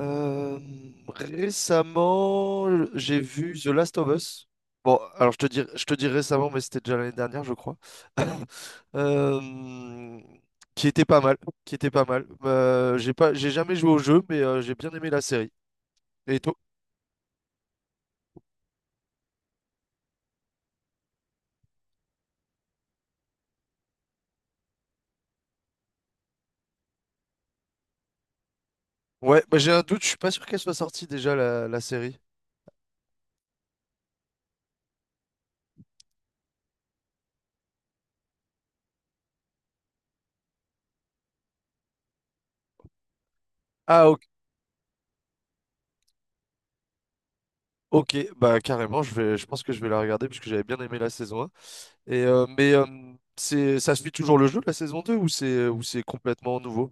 Euh, Récemment, j'ai vu The Last of Us. Bon, alors je te dis récemment, mais c'était déjà l'année dernière, je crois. Euh, qui était pas mal, qui était pas mal. J'ai jamais joué au jeu, mais j'ai bien aimé la série. Et toi? Ouais, bah, j'ai un doute, je suis pas sûr qu'elle soit sortie déjà la série. Ah ok, ok, bah carrément, je pense que je vais la regarder puisque j'avais bien aimé la saison. Mais ça suit toujours le jeu, la saison deux, ou c'est complètement nouveau?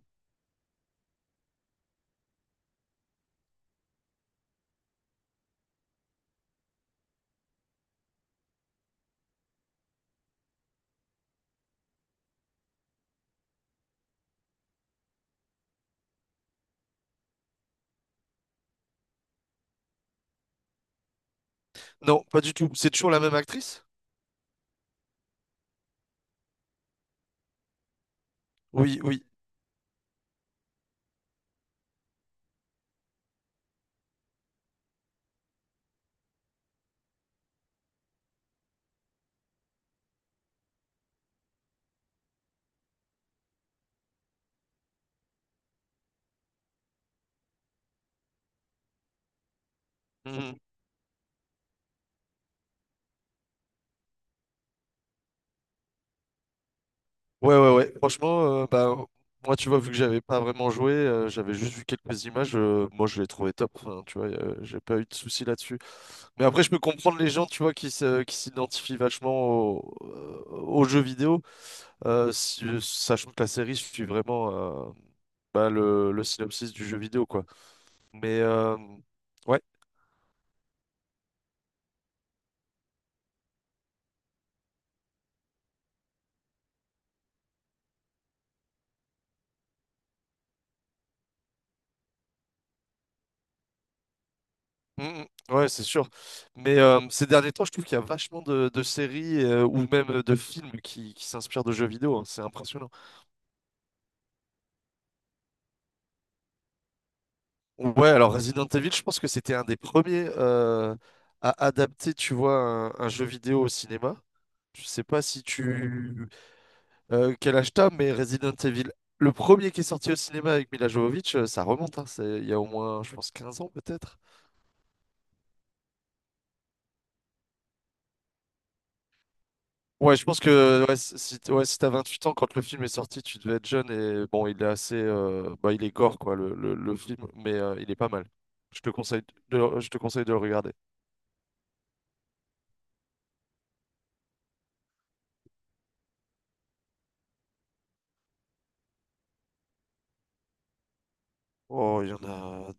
Non, pas du tout. C'est toujours la même actrice? Oui, oui. Mhm. Ouais, ouais, ouais. Franchement, bah, moi, tu vois, vu que j'avais pas vraiment joué, j'avais juste vu quelques images, moi, je l'ai trouvé top. Enfin, tu vois, j'ai pas eu de soucis là-dessus. Mais après, je peux comprendre les gens, tu vois, qui s'identifient vachement aux jeux vidéo, sachant que la série suit vraiment euh, le synopsis du jeu vidéo, quoi. Mais... euh, ouais. Mm, mm. Ouais, c'est sûr. Mais ces derniers temps, je trouve qu'il y a vachement de séries, ou même de films qui s'inspirent de jeux vidéo, hein. C'est impressionnant. Ouais, alors Resident Evil, je pense que c'était un des premiers à adapter, tu vois, un jeu vidéo au cinéma. Je sais pas si tu, quel âge t'as, mais Resident Evil, le premier qui est sorti au cinéma avec Mila Jovovich, ça remonte, hein. Il y a au moins, je pense, 15 ans peut-être. Ouais, je pense que ouais, si t'as 28 ans quand le film est sorti, tu devais être jeune. Et bon, il est assez, bah, il est gore quoi le film, mais il est pas mal. Je te conseille je te conseille de le regarder. Oh, il y en a.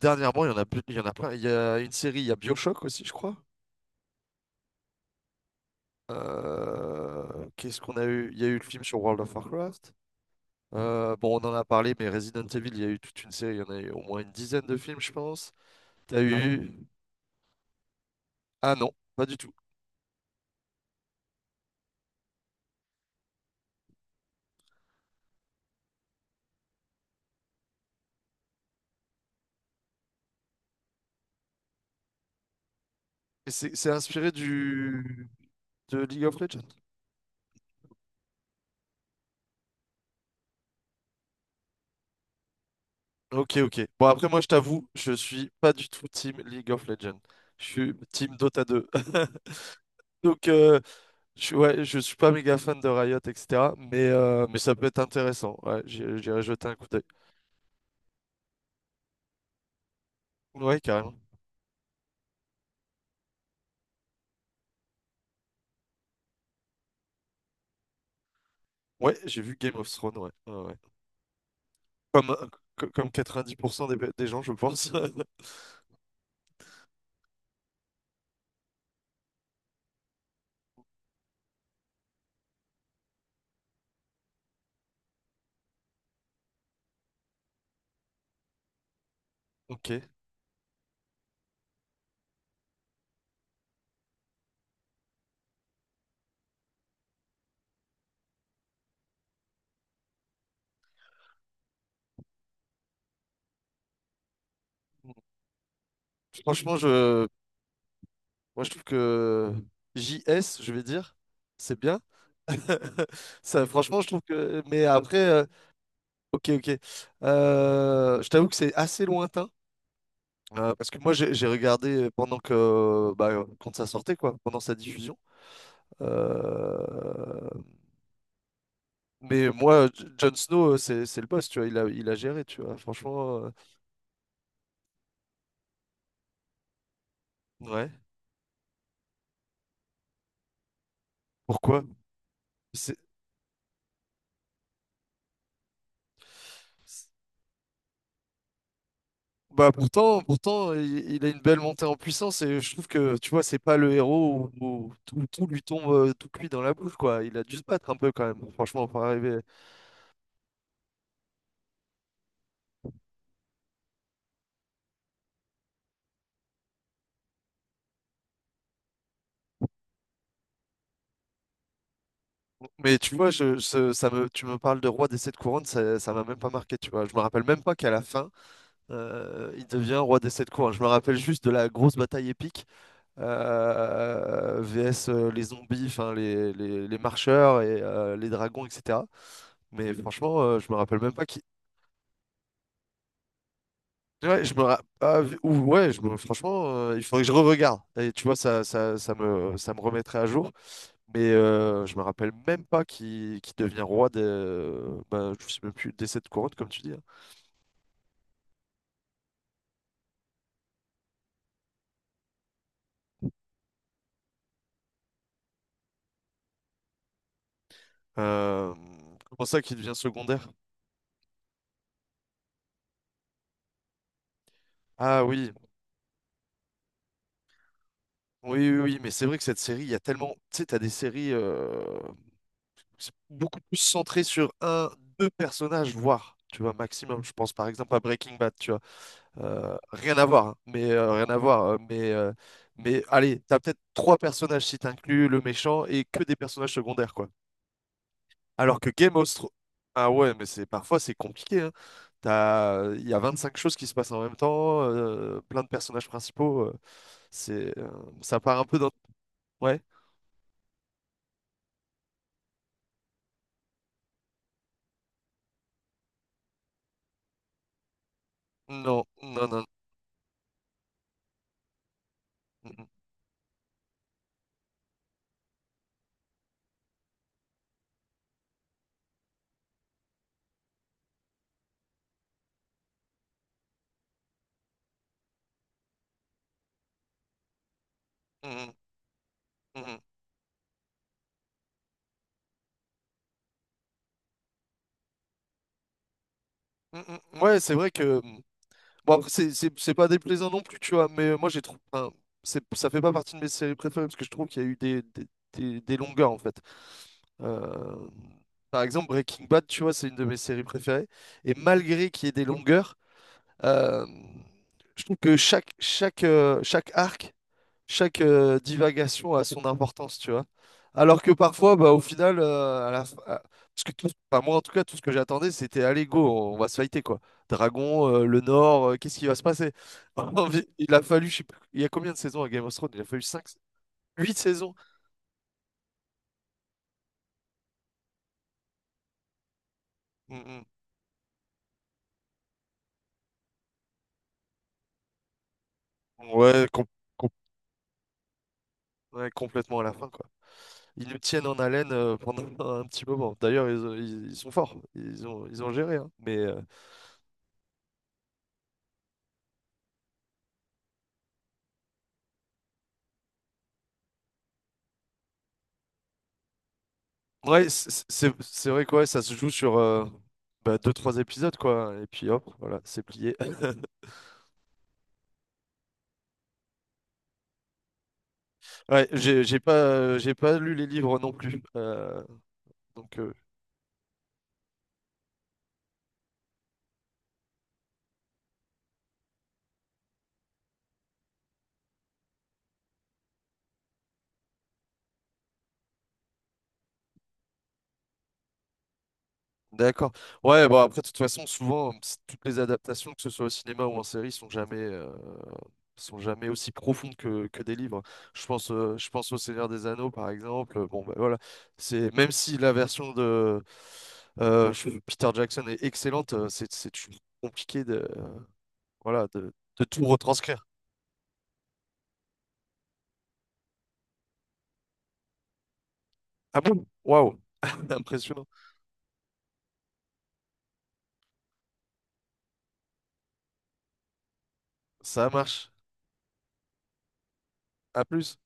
Dernièrement, il y en a plein. Il y a une série, il y a BioShock aussi, je crois. Qu'est-ce qu'on a eu? Il y a eu le film sur World of Warcraft. Bon, on en a parlé, mais Resident Evil, il y a eu toute une série. Il y en a eu au moins une dizaine de films, je pense. T'as eu... Ah non, pas du tout. C'est inspiré de League of Legends. Ok, ok. Bon, après, moi, je t'avoue, je suis pas du tout team League of Legends. Je suis team Dota 2. Donc, ouais, je suis pas méga fan de Riot, etc. Mais ça peut être intéressant. Ouais, j'irai jeter un coup d'œil. Ouais, carrément. Ouais, j'ai vu Game of Thrones, ouais. Ouais, ouais. Comme, euh, comme 90% des gens, je pense. Ok. Franchement, moi, je trouve que JS, je vais dire, c'est bien. Ça, franchement, je trouve que. Mais après, ok, ok. Je t'avoue que c'est assez lointain, parce que moi, j'ai regardé pendant que. Bah, quand ça sortait, quoi, pendant sa diffusion. Euh, Mais moi, Jon Snow, c'est le boss, tu vois. Il a géré, tu vois. Franchement, ouais. Pourquoi? C'est- c'est- Bah pourtant, pourtant, il a une belle montée en puissance et je trouve que, tu vois, c'est pas le héros où tout, tout lui tombe, tout cuit dans la bouche, quoi. Il a dû se battre un peu quand même, franchement, pour arriver. Mais tu vois, je, ce ça me, tu me parles de roi des sept couronnes, ça m'a même pas marqué, tu vois. Je me rappelle même pas qu'à la fin, il devient roi des sept couronnes. Je me rappelle juste de la grosse bataille épique, VS les zombies, enfin les marcheurs et les dragons, etc. Mais franchement, je me rappelle même pas qui. Ouais, je me ra- ah, v- ou- franchement, il faudrait que je re-regarde. Et tu vois, ça me remettrait à jour. Mais je me rappelle même pas qui devient roi bah, je sais même plus, des sept couronnes, comme tu dis, hein. Euh, Comment ça, qui devient secondaire? Ah oui, oui, oui, oui. Mais c'est vrai que cette série, il y a tellement, tu sais, t'as des séries. C'est beaucoup plus centré sur un, deux personnages, voire, tu vois, maximum. Je pense par exemple à Breaking Bad, tu vois. Rien à voir, hein, mais rien à voir. Mais allez, t'as peut-être trois personnages si t'inclus le méchant et que des personnages secondaires, quoi. Alors que Game of Thrones. Ah ouais, mais c'est parfois c'est compliqué, hein. Il y a 25 choses qui se passent en même temps, plein de personnages principaux. C'est, euh, Ça part un peu dans. Ouais. Non, non, non. Mm, mm, mm, mm, mm, mm, mm. Ouais, c'est vrai que bon, après, c'est pas déplaisant non plus, tu vois, mais moi, j'ai trouvé. Enfin, ça fait pas partie de mes séries préférées parce que je trouve qu'il y a eu des longueurs, en fait. Euh, Par exemple, Breaking Bad, tu vois, c'est une de mes séries préférées. Et malgré qu'il y ait des longueurs, euh, je trouve que chaque arc, chaque divagation a son importance, tu vois. Alors que parfois, bah, au final, à la fin- à- parce que enfin, moi en tout cas, tout ce que j'attendais, c'était allez, go, on va se fighter quoi. Dragon, le Nord, qu'est-ce qui va se passer? Il a fallu, je sais plus, il y a combien de saisons à Game of Thrones? Il a fallu cinq, huit saisons. Mm, mm. Ouais, com- ouais, complètement à la fin quoi. Ils nous tiennent en haleine pendant un petit moment. D'ailleurs, ils sont forts, ils ont géré, hein. Mais ouais, c'est vrai quoi, ça se joue sur bah, deux, trois épisodes quoi, et puis hop, voilà, c'est plié. Ouais, j'ai pas lu les livres non plus, donc euh, d'accord. Ouais, bon après de toute façon, souvent toutes les adaptations, que ce soit au cinéma ou en série, sont jamais aussi profondes que des livres. Je pense au Seigneur des Anneaux par exemple. Bon bah voilà, c'est, même si la version de Peter Jackson est excellente, c'est toujours compliqué de. Voilà, de tout retranscrire. Ah bon? Waouh! Impressionnant. Ça marche. À plus.